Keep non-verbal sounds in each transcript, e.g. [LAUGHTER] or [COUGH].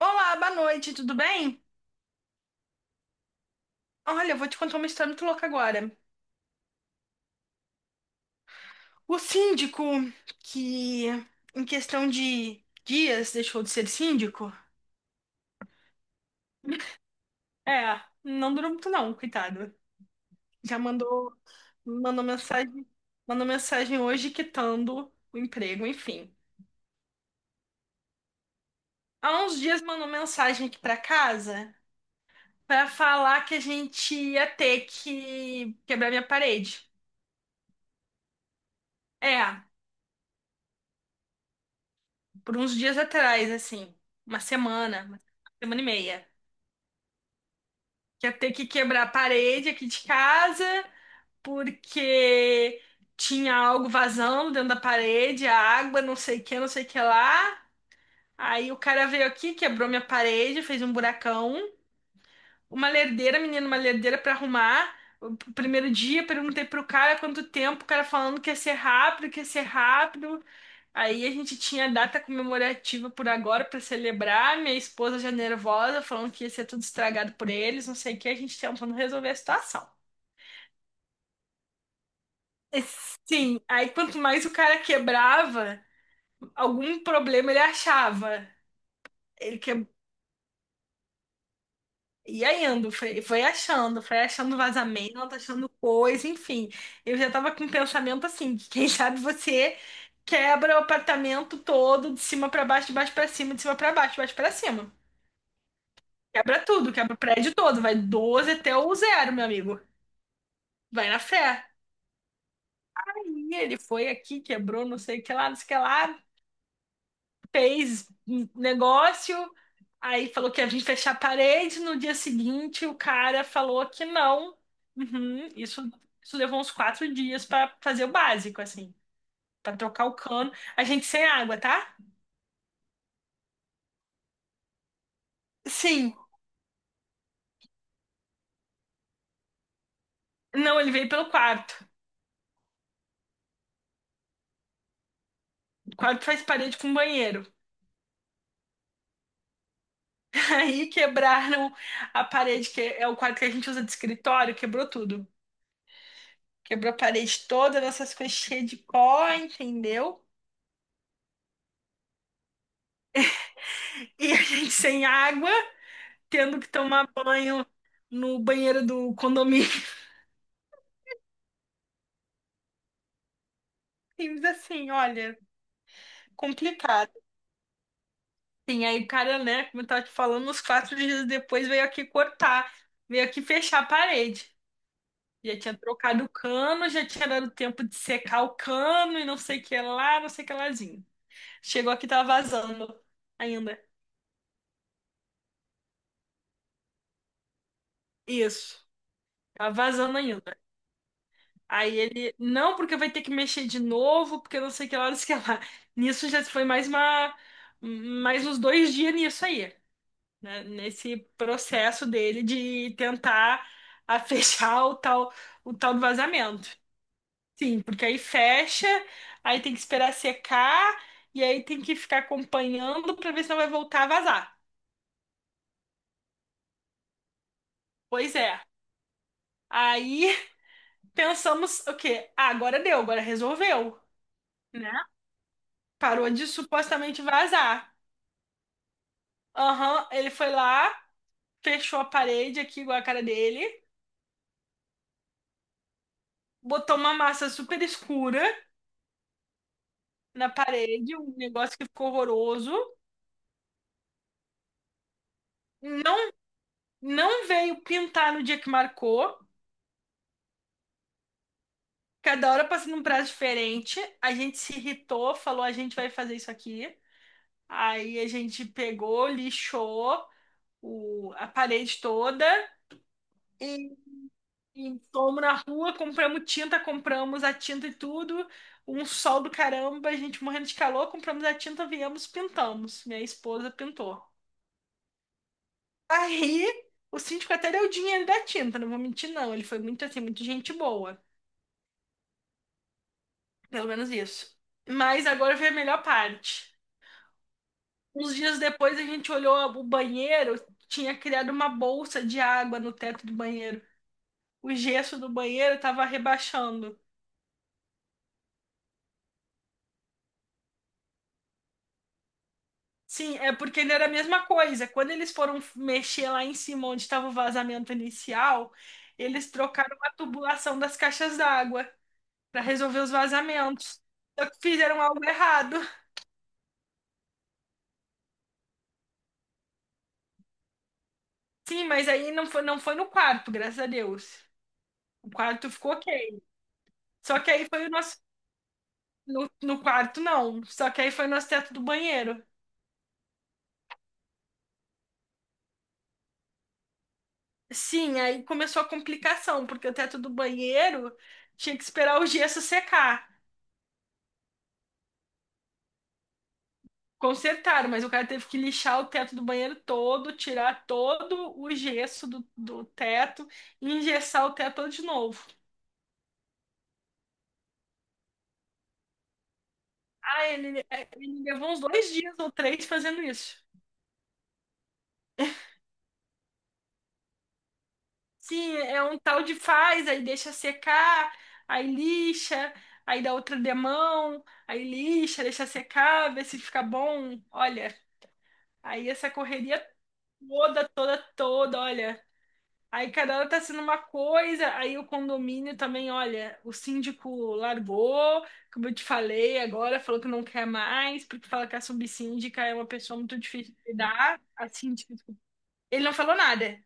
Olá, boa noite, tudo bem? Olha, eu vou te contar uma história muito louca agora. O síndico que, em questão de dias, deixou de ser síndico. É, não durou muito não, coitado. Já mandou, mandou mensagem, mandou mensagem hoje quitando o emprego, enfim. Há uns dias mandou mensagem aqui pra casa pra falar que a gente ia ter que quebrar minha parede. É, por uns dias atrás, assim, uma semana e meia. Que ia ter que quebrar a parede aqui de casa, porque tinha algo vazando dentro da parede, a água, não sei o que, não sei o que lá. Aí o cara veio aqui, quebrou minha parede, fez um buracão. Uma lerdeira, menina, uma lerdeira pra arrumar. O primeiro dia, perguntei pro cara quanto tempo, o cara falando que ia ser rápido, que ia ser rápido. Aí a gente tinha a data comemorativa por agora pra celebrar. Minha esposa já nervosa, falando que ia ser tudo estragado por eles, não sei o que, a gente tentando resolver a situação. É, Sim, aí quanto mais o cara quebrava, algum problema ele achava. Ele que... Ia indo, foi achando, foi achando vazamento, achando coisa, enfim. Eu já tava com um pensamento assim, que quem [LAUGHS] sabe você quebra o apartamento todo, de cima pra baixo, de baixo pra cima, de cima pra baixo, de baixo pra cima. Quebra tudo, quebra o prédio todo, vai 12 até o 0, meu amigo. Vai na fé. Aí ele foi aqui, quebrou, não sei o que lá, não sei o que lá. Fez um negócio, aí falou que ia vir fechar a parede. No dia seguinte, o cara falou que não. Uhum, isso levou uns 4 dias para fazer o básico, assim, para trocar o cano. A gente sem água, tá? Sim. Não, ele veio pelo quarto. O quarto faz parede com banheiro. [LAUGHS] Aí quebraram a parede, que é o quarto que a gente usa de escritório, quebrou tudo. Quebrou a parede toda, nossas coisas cheias de pó, entendeu? E a gente sem água, tendo que tomar banho no banheiro do condomínio. [LAUGHS] Simples assim, olha, complicado. Sim, aí o cara, né, como eu tava te falando, uns 4 dias depois veio aqui fechar a parede. Já tinha trocado o cano, já tinha dado tempo de secar o cano e não sei o que lá, não sei o que lázinho. Chegou aqui, tava vazando ainda. Isso, tava vazando ainda. Aí ele, não, porque vai ter que mexer de novo, porque não sei que horas que é lá. Nisso já foi mais uns 2 dias nisso aí, né? Nesse processo dele de tentar [LAUGHS] a fechar o tal, do vazamento. Sim, porque aí fecha, aí tem que esperar secar, e aí tem que ficar acompanhando pra ver se não vai voltar a vazar. Pois é. Aí [LAUGHS] pensamos o quê? Ah, agora deu, agora resolveu, né? Parou de supostamente vazar. Aham, ele foi lá, fechou a parede aqui, igual a cara dele, botou uma massa super escura na parede, um negócio que ficou horroroso. Não, não veio pintar no dia que marcou. Cada hora passando um prazo diferente. A gente se irritou, falou: a gente vai fazer isso aqui. Aí a gente pegou, lixou a parede toda. E fomos na rua, compramos a tinta e tudo. Um sol do caramba, a gente morrendo de calor, compramos a tinta, viemos, pintamos. Minha esposa pintou. Aí, o síndico até deu o dinheiro da tinta, não vou mentir, não. Ele foi muito assim, muito gente boa. Pelo menos isso. Mas agora veio a melhor parte. Uns dias depois a gente olhou o banheiro, tinha criado uma bolsa de água no teto do banheiro. O gesso do banheiro estava rebaixando. Sim, é porque ele era a mesma coisa. Quando eles foram mexer lá em cima onde estava o vazamento inicial, eles trocaram a tubulação das caixas d'água para resolver os vazamentos. Só que fizeram algo errado. Sim, mas aí não foi no quarto, graças a Deus. O quarto ficou ok. Só que aí foi o nosso. No quarto, não. Só que aí foi o nosso teto do banheiro. Sim, aí começou a complicação, porque o teto do banheiro tinha que esperar o gesso secar. Consertaram, mas o cara teve que lixar o teto do banheiro todo, tirar todo o gesso do teto e engessar o teto todo de novo. Ah, ele levou uns 2 dias ou 3 fazendo isso. Sim, é um tal de faz, aí deixa secar, aí lixa, aí dá outra demão, aí lixa, deixa secar, vê se fica bom. Olha, aí essa correria toda, toda, toda, olha. Aí cada hora tá sendo uma coisa, aí o condomínio também, olha, o síndico largou, como eu te falei agora, falou que não quer mais, porque fala que a subsíndica é uma pessoa muito difícil de lidar, a síndica, desculpa. Ele não falou nada.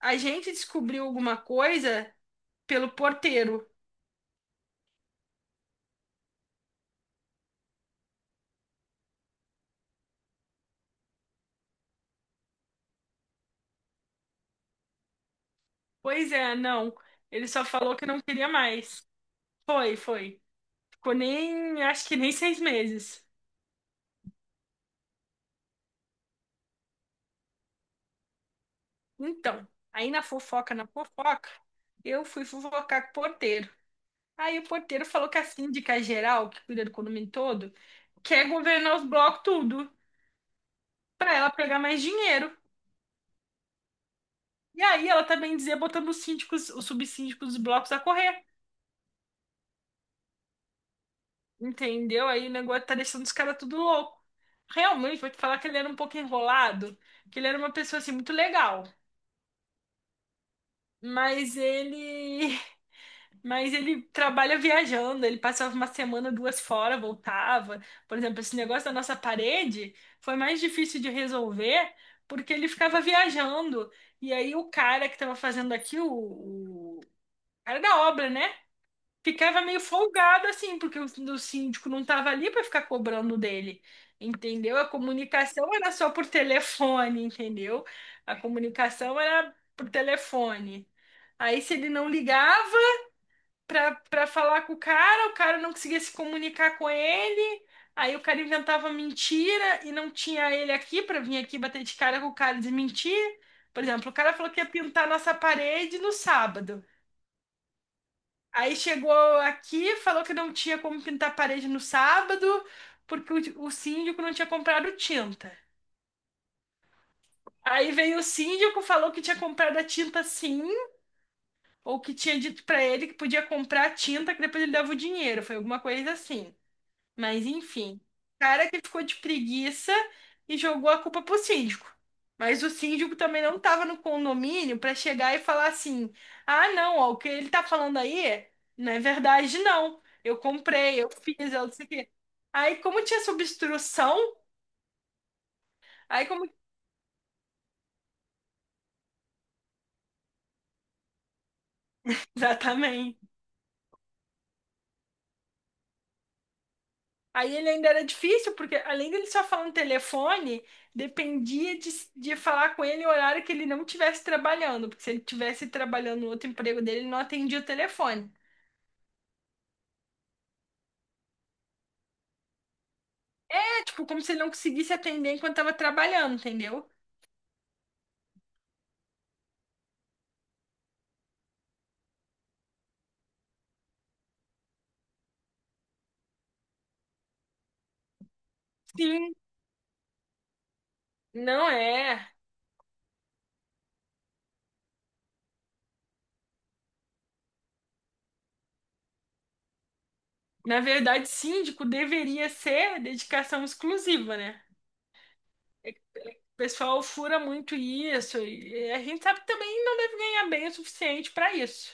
A gente descobriu alguma coisa pelo porteiro. Pois é, não. Ele só falou que não queria mais. Foi, foi. Ficou nem, Acho que nem 6 meses. Então, aí na fofoca, eu fui fofocar com o porteiro. Aí o porteiro falou que a síndica geral, que cuida do condomínio todo, quer governar os blocos tudo, pra ela pegar mais dinheiro. E aí ela também dizia botando os síndicos, os subsíndicos dos blocos a correr, entendeu? Aí o negócio tá deixando os caras tudo louco. Realmente, vou te falar que ele era um pouco enrolado, que ele era uma pessoa assim muito legal, mas ele Mas ele trabalha viajando, ele passava uma semana, duas fora, voltava. Por exemplo, esse negócio da nossa parede foi mais difícil de resolver porque ele ficava viajando. E aí o cara que estava fazendo aqui, o cara da obra, né? Ficava meio folgado assim, porque o síndico não estava ali para ficar cobrando dele. Entendeu? A comunicação era só por telefone, entendeu? A comunicação era por telefone. Aí, se ele não ligava, pra falar com o cara não conseguia se comunicar com ele, aí o cara inventava mentira e não tinha ele aqui pra vir aqui bater de cara com o cara e desmentir. Por exemplo, o cara falou que ia pintar nossa parede no sábado. Aí chegou aqui, falou que não tinha como pintar a parede no sábado, porque o síndico não tinha comprado tinta. Aí veio o síndico, falou que tinha comprado a tinta sim, ou que tinha dito pra ele que podia comprar a tinta, que depois ele dava o dinheiro. Foi alguma coisa assim. Mas enfim, o cara que ficou de preguiça e jogou a culpa pro síndico. Mas o síndico também não estava no condomínio para chegar e falar assim: "Ah, não, ó, o que ele tá falando aí não é verdade não. Eu comprei, eu fiz, eu não sei o quê". Aí como tinha essa obstrução, aí como [LAUGHS] exatamente aí ele ainda era difícil, porque além dele só falar no telefone, dependia de falar com ele no horário que ele não estivesse trabalhando, porque se ele estivesse trabalhando no outro emprego dele, ele não atendia o telefone. É, tipo, como se ele não conseguisse atender enquanto estava trabalhando, entendeu? Sim, não é. Na verdade, síndico deveria ser dedicação exclusiva, né? O pessoal fura muito isso, e a gente sabe que também não deve ganhar bem o suficiente para isso.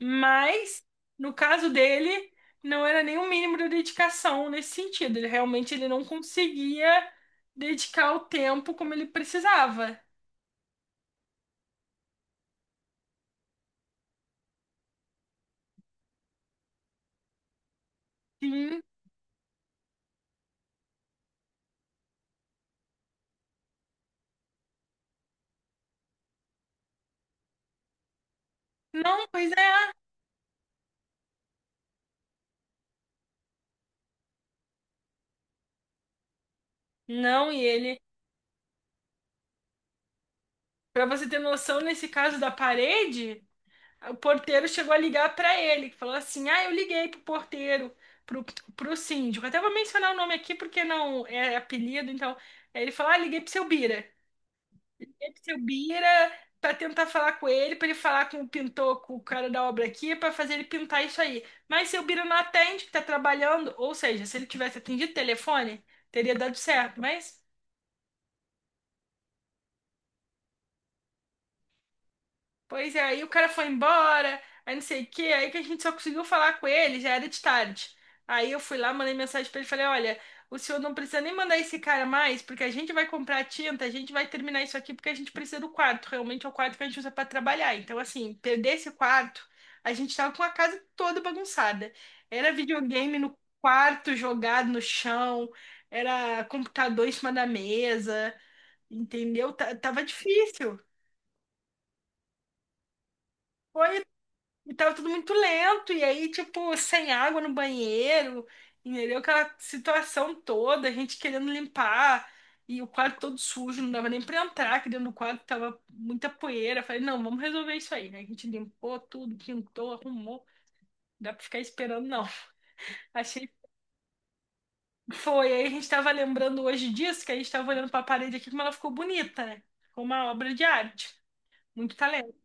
Mas, no caso dele, não era nem o mínimo de dedicação nesse sentido. Ele realmente ele não conseguia dedicar o tempo como ele precisava. Sim. Não, pois é. Não, e ele, para você ter noção, nesse caso da parede, o porteiro chegou a ligar para ele, que falou assim: "Ah, eu liguei pro porteiro, pro pro síndico". Até vou mencionar o nome aqui porque não é apelido, então, aí ele falou: "Ah, liguei pro seu Bira". Seu Bira para tentar falar com ele, para ele falar com o pintor, com o cara da obra aqui, para fazer ele pintar isso aí. Mas seu Bira não atende, que tá trabalhando, ou seja, se ele tivesse atendido o telefone, teria dado certo, pois é, aí o cara foi embora, aí não sei o quê, aí que a gente só conseguiu falar com ele, já era de tarde. Aí eu fui lá, mandei mensagem pra ele, falei, olha, o senhor não precisa nem mandar esse cara mais, porque a gente vai comprar tinta, a gente vai terminar isso aqui, porque a gente precisa do quarto, realmente é o quarto que a gente usa pra trabalhar. Então, assim, perder esse quarto, a gente tava com a casa toda bagunçada. Era videogame no quarto, jogado no chão, era computador em cima da mesa, entendeu? Tava difícil. Foi. E tava tudo muito lento, e aí, tipo, sem água no banheiro, entendeu? Aquela situação toda, a gente querendo limpar, e o quarto todo sujo, não dava nem pra entrar, que dentro do quadro tava muita poeira. Falei, não, vamos resolver isso aí, né? A gente limpou tudo, pintou, arrumou, não dá pra ficar esperando, não. [LAUGHS] Achei. Foi, aí a gente tava lembrando hoje disso, que a gente tava olhando pra parede aqui, como ela ficou bonita, né? Ficou uma obra de arte, muito talento.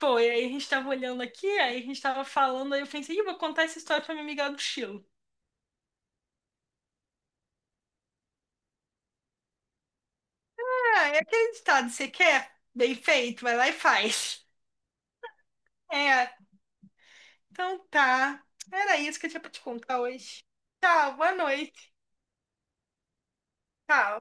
Pô, e aí a gente tava olhando aqui, aí a gente tava falando, aí eu pensei, ih, vou contar essa história pra minha amiga do Chile. Ah, é aquele ditado, você quer? Bem feito, vai lá e faz. É, então tá. Era isso que eu tinha pra te contar hoje. Tchau, boa noite. Tchau.